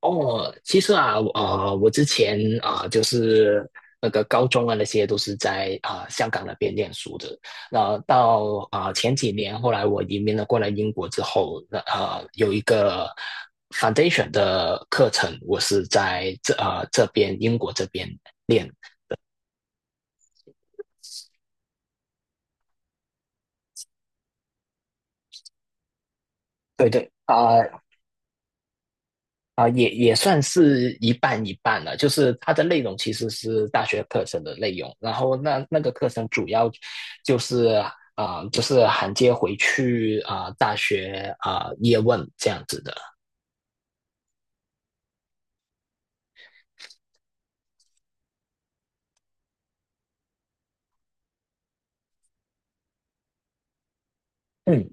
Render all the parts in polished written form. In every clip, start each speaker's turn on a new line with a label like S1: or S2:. S1: 哦，其实啊，我之前就是那个高中啊，那些都是在香港那边念书的。那到前几年，后来我移民了过来英国之后，那有一个 foundation 的课程，我是在这边英国这边练。对对，也算是一半一半了，就是它的内容其实是大学课程的内容，然后那个课程主要就是就是衔接回去大学叶问这样子的。嗯，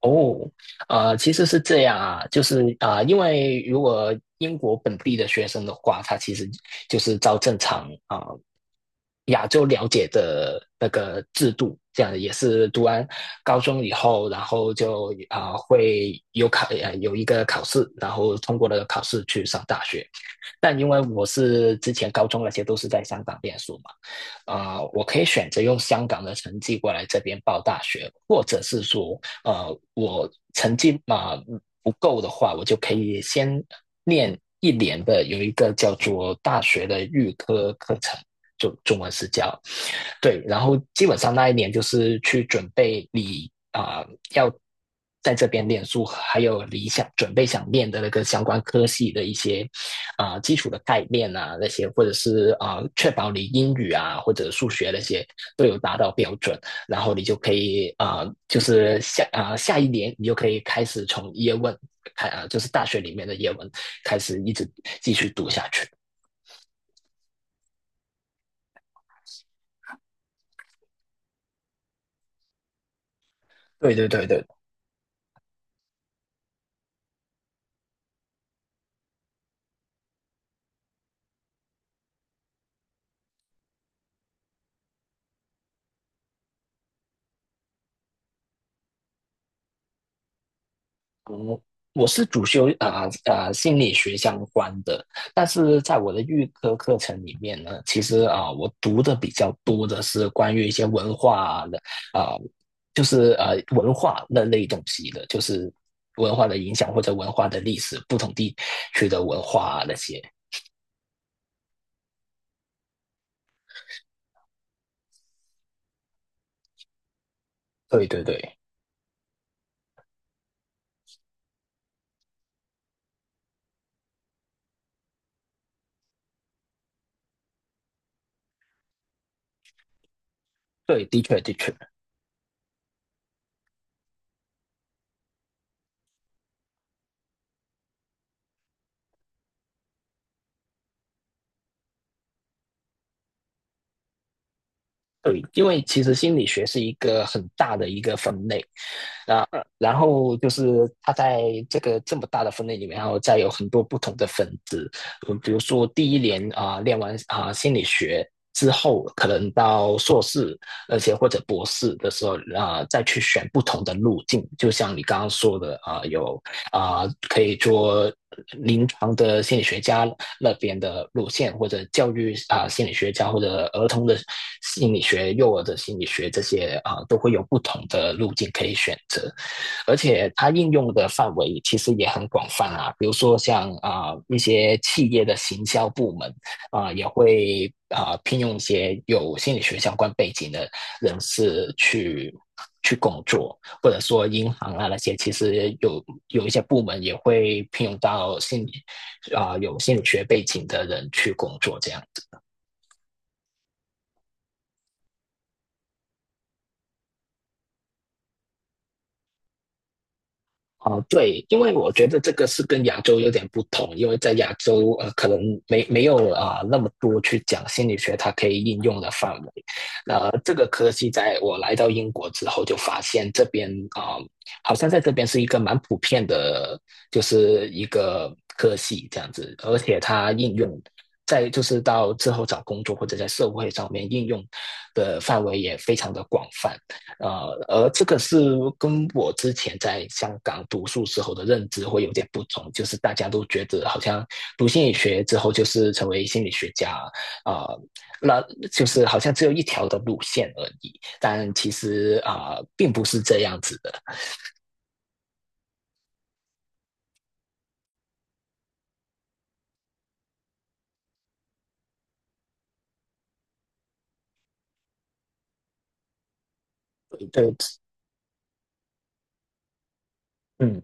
S1: 哦，其实是这样啊，就是因为如果英国本地的学生的话，他其实就是照正常亚洲了解的那个制度，这样也是读完高中以后，然后就会有一个考试，然后通过了考试去上大学。但因为我是之前高中那些都是在香港念书嘛，我可以选择用香港的成绩过来这边报大学，或者是说我成绩嘛不够的话，我就可以先念一年的有一个叫做大学的预科课程，就中文是叫。对，然后基本上那一年就是去准备你要在这边念书，还有你想准备想念的那个相关科系的一些基础的概念啊那些，或者是确保你英语啊或者数学那些都有达到标准，然后你就可以就是下一年你就可以开始从叶问就是大学里面的叶问开始一直继续读下去。对对对对，我是主修心理学相关的，但是在我的预科课程里面呢，其实我读的比较多的是关于一些文化的啊、呃就是文化那类东西的，就是文化的影响或者文化的历史，不同地区的文化啊那些。对对对对，的确的确。对，因为其实心理学是一个很大的一个分类，那然后就是他在这个这么大的分类里面，然后再有很多不同的分支，嗯，比如说第一年练完心理学之后，可能到硕士，而且或者博士的时候再去选不同的路径，就像你刚刚说的有可以做临床的心理学家，那边的路线，或者教育心理学家或者儿童的心理学、幼儿的心理学这些都会有不同的路径可以选择，而且它应用的范围其实也很广泛啊，比如说像一些企业的行销部门也会聘用一些有心理学相关背景的人士去。去工作，或者说银行啊那些，其实有一些部门也会聘用到心理啊、呃有心理学背景的人去工作这样子。对，因为我觉得这个是跟亚洲有点不同，因为在亚洲可能没有那么多去讲心理学它可以应用的范围。那这个科系在我来到英国之后就发现这边啊，呃好像在这边是一个蛮普遍的，就是一个科系这样子，而且它应用。在就是到之后找工作或者在社会上面应用的范围也非常的广泛，而这个是跟我之前在香港读书时候的认知会有点不同，就是大家都觉得好像读心理学之后就是成为心理学家，啊、呃那就是好像只有一条的路线而已，但其实并不是这样子的。对，嗯。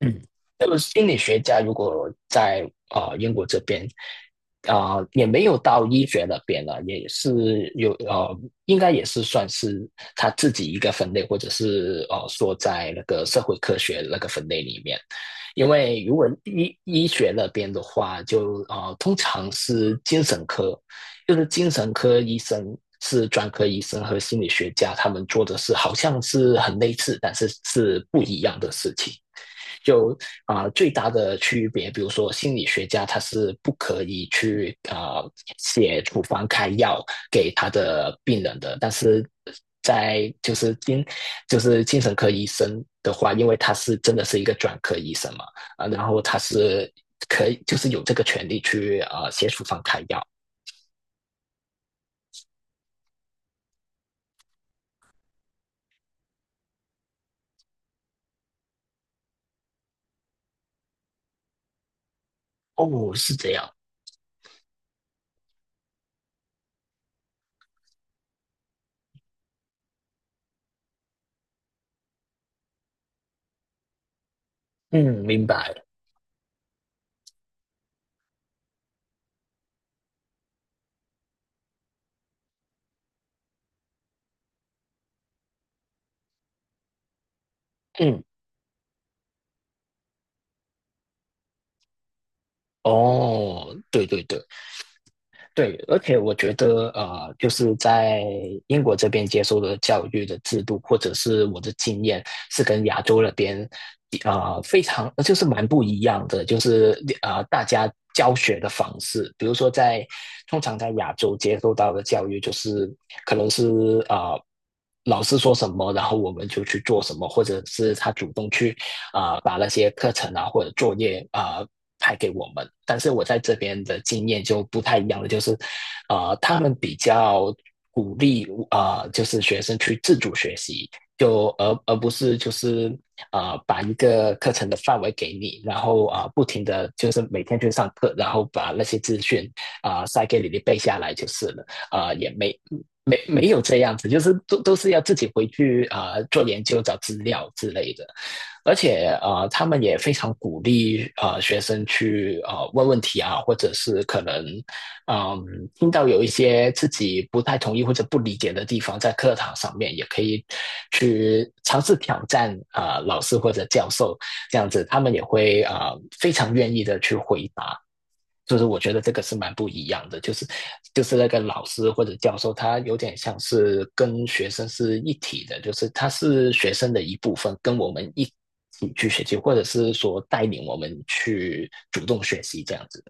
S1: 嗯，就是心理学家如果在英国这边也没有到医学那边了，也是有应该也是算是他自己一个分类，或者是说在那个社会科学那个分类里面。因为如果医学那边的话，就通常是精神科，就是精神科医生是专科医生和心理学家他们做的事，好像是很类似，但是是不一样的事情。就最大的区别，比如说心理学家他是不可以去写处方开药给他的病人的，但是在就是精神科医生的话，因为他是真的是一个专科医生嘛，然后他是可以就是有这个权利去写处方开药。哦，是这样。嗯，明白。嗯，哦，对对对。对，而且我觉得，就是在英国这边接受的教育的制度，或者是我的经验，是跟亚洲那边，非常就是蛮不一样的，就是大家教学的方式，比如说在通常在亚洲接受到的教育，就是可能是呃，老师说什么，然后我们就去做什么，或者是他主动去把那些课程啊或者作业派给我们。但是我在这边的经验就不太一样了，就是他们比较鼓励就是学生去自主学习，就而不是就是把一个课程的范围给你，然后不停的就是每天去上课，然后把那些资讯塞给你，你背下来就是了。也没有这样子，就是都是要自己回去做研究、找资料之类的。而且他们也非常鼓励学生去问问题啊，或者是可能嗯、呃听到有一些自己不太同意或者不理解的地方，在课堂上面也可以去尝试挑战啊，老师或者教授这样子，他们也会啊，非常愿意的去回答。就是我觉得这个是蛮不一样的，就是那个老师或者教授，他有点像是跟学生是一体的，就是他是学生的一部分，跟我们一起去学习，或者是说带领我们去主动学习这样子。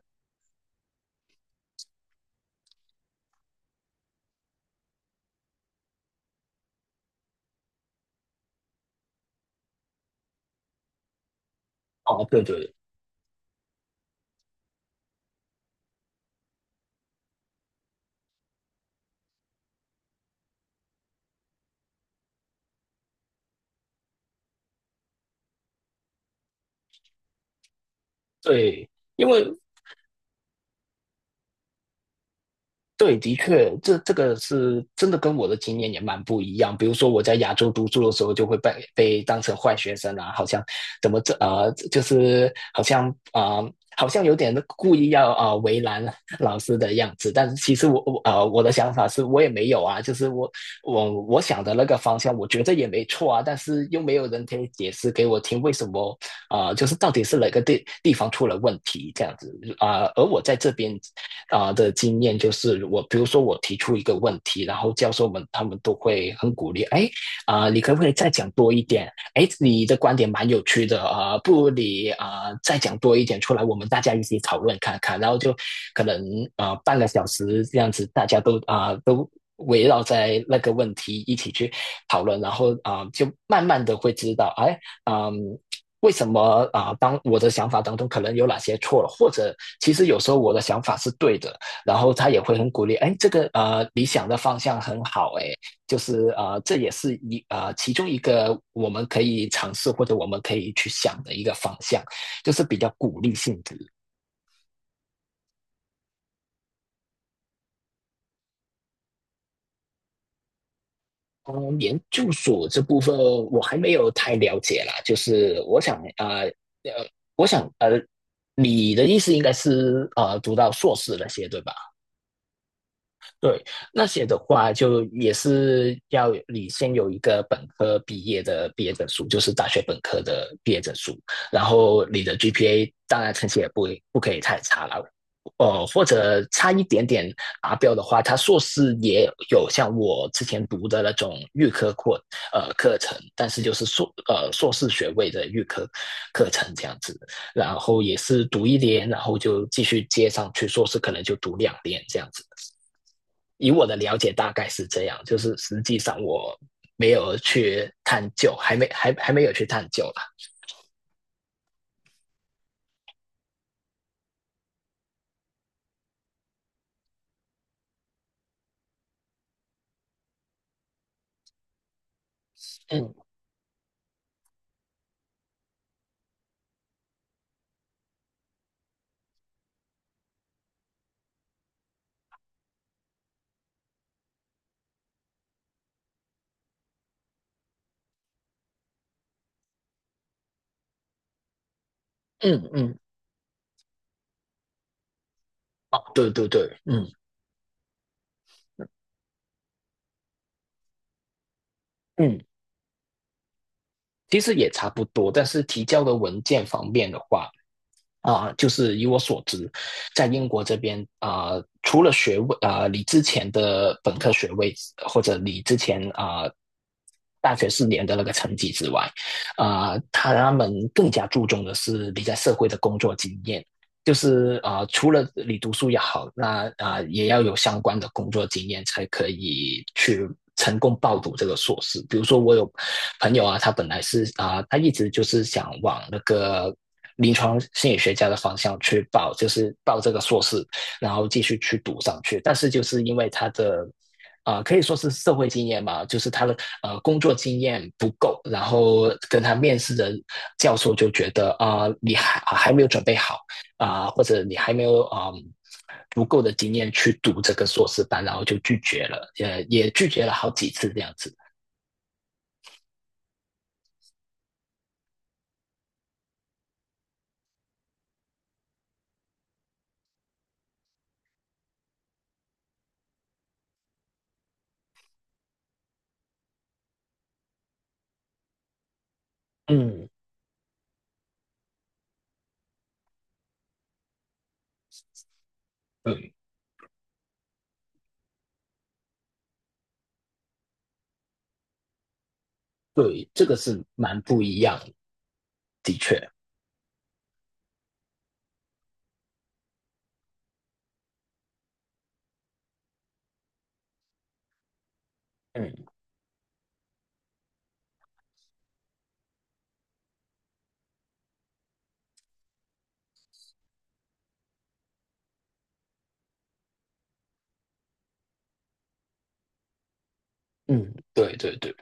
S1: 哦，对对对。因为对，的确，这个是真的跟我的经验也蛮不一样。比如说我在亚洲读书的时候，就会被当成坏学生啊，好像怎么这呃，就是好像好像有点故意要为难老师的样子。但是其实我的想法是我也没有啊，就是我想的那个方向，我觉得也没错啊，但是又没有人可以解释给我听为什么就是到底是哪个地方出了问题这样子。而我在这边的经验，就是我比如说我提出一个问题，然后教授们他们都会很鼓励，哎，你可不可以再讲多一点？哎，你的观点蛮有趣的不如你再讲多一点出来，我们大家一起讨论看看。然后就可能半个小时这样子，大家都。围绕在那个问题一起去讨论，然后就慢慢的会知道，哎，嗯，为什么当我的想法当中可能有哪些错了，或者其实有时候我的想法是对的，然后他也会很鼓励，哎，这个理想的方向很好，哎，就是这也是其中一个我们可以尝试或者我们可以去想的一个方向，就是比较鼓励性质。嗯，研究所这部分我还没有太了解啦，就是呃，我想你的意思应该是读到硕士那些对吧？对，那些的话就也是要你先有一个本科毕业的毕业证书，就是大学本科的毕业证书，然后你的 GPA 当然成绩也不可以太差了，或者差一点点达标的话，他硕士也有像我之前读的那种预科课程，但是就是硕士学位的预科课程这样子，然后也是读一年，然后就继续接上去，硕士可能就读2年这样子。以我的了解大概是这样，就是实际上我没有去探究，还没有去探究啦。嗯嗯嗯，哦，对对对，嗯嗯，其实也差不多，但是提交的文件方面的话。就是以我所知，在英国这边除了学位你之前的本科学位或者你之前大学4年的那个成绩之外，他们更加注重的是你在社会的工作经验，就是除了你读书也好，那也要有相关的工作经验才可以去成功报读这个硕士。比如说，我有朋友啊，他本来是啊、呃他一直就是想往那个临床心理学家的方向去报，就是报这个硕士，然后继续去读上去。但是就是因为他的可以说是社会经验吧，就是他的工作经验不够，然后跟他面试的教授就觉得你还没有准备好，或者你还没有足够的经验去读这个硕士班，然后就拒绝了，也拒绝了好几次这样子。嗯，嗯，对，这个是蛮不一样的，的确。嗯嗯，对对对。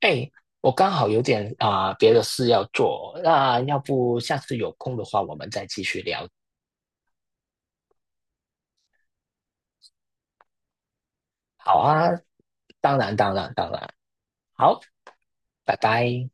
S1: 哎，我刚好有点别的事要做，那要不下次有空的话，我们再继续聊。好啊，当然当然当然，好，拜拜。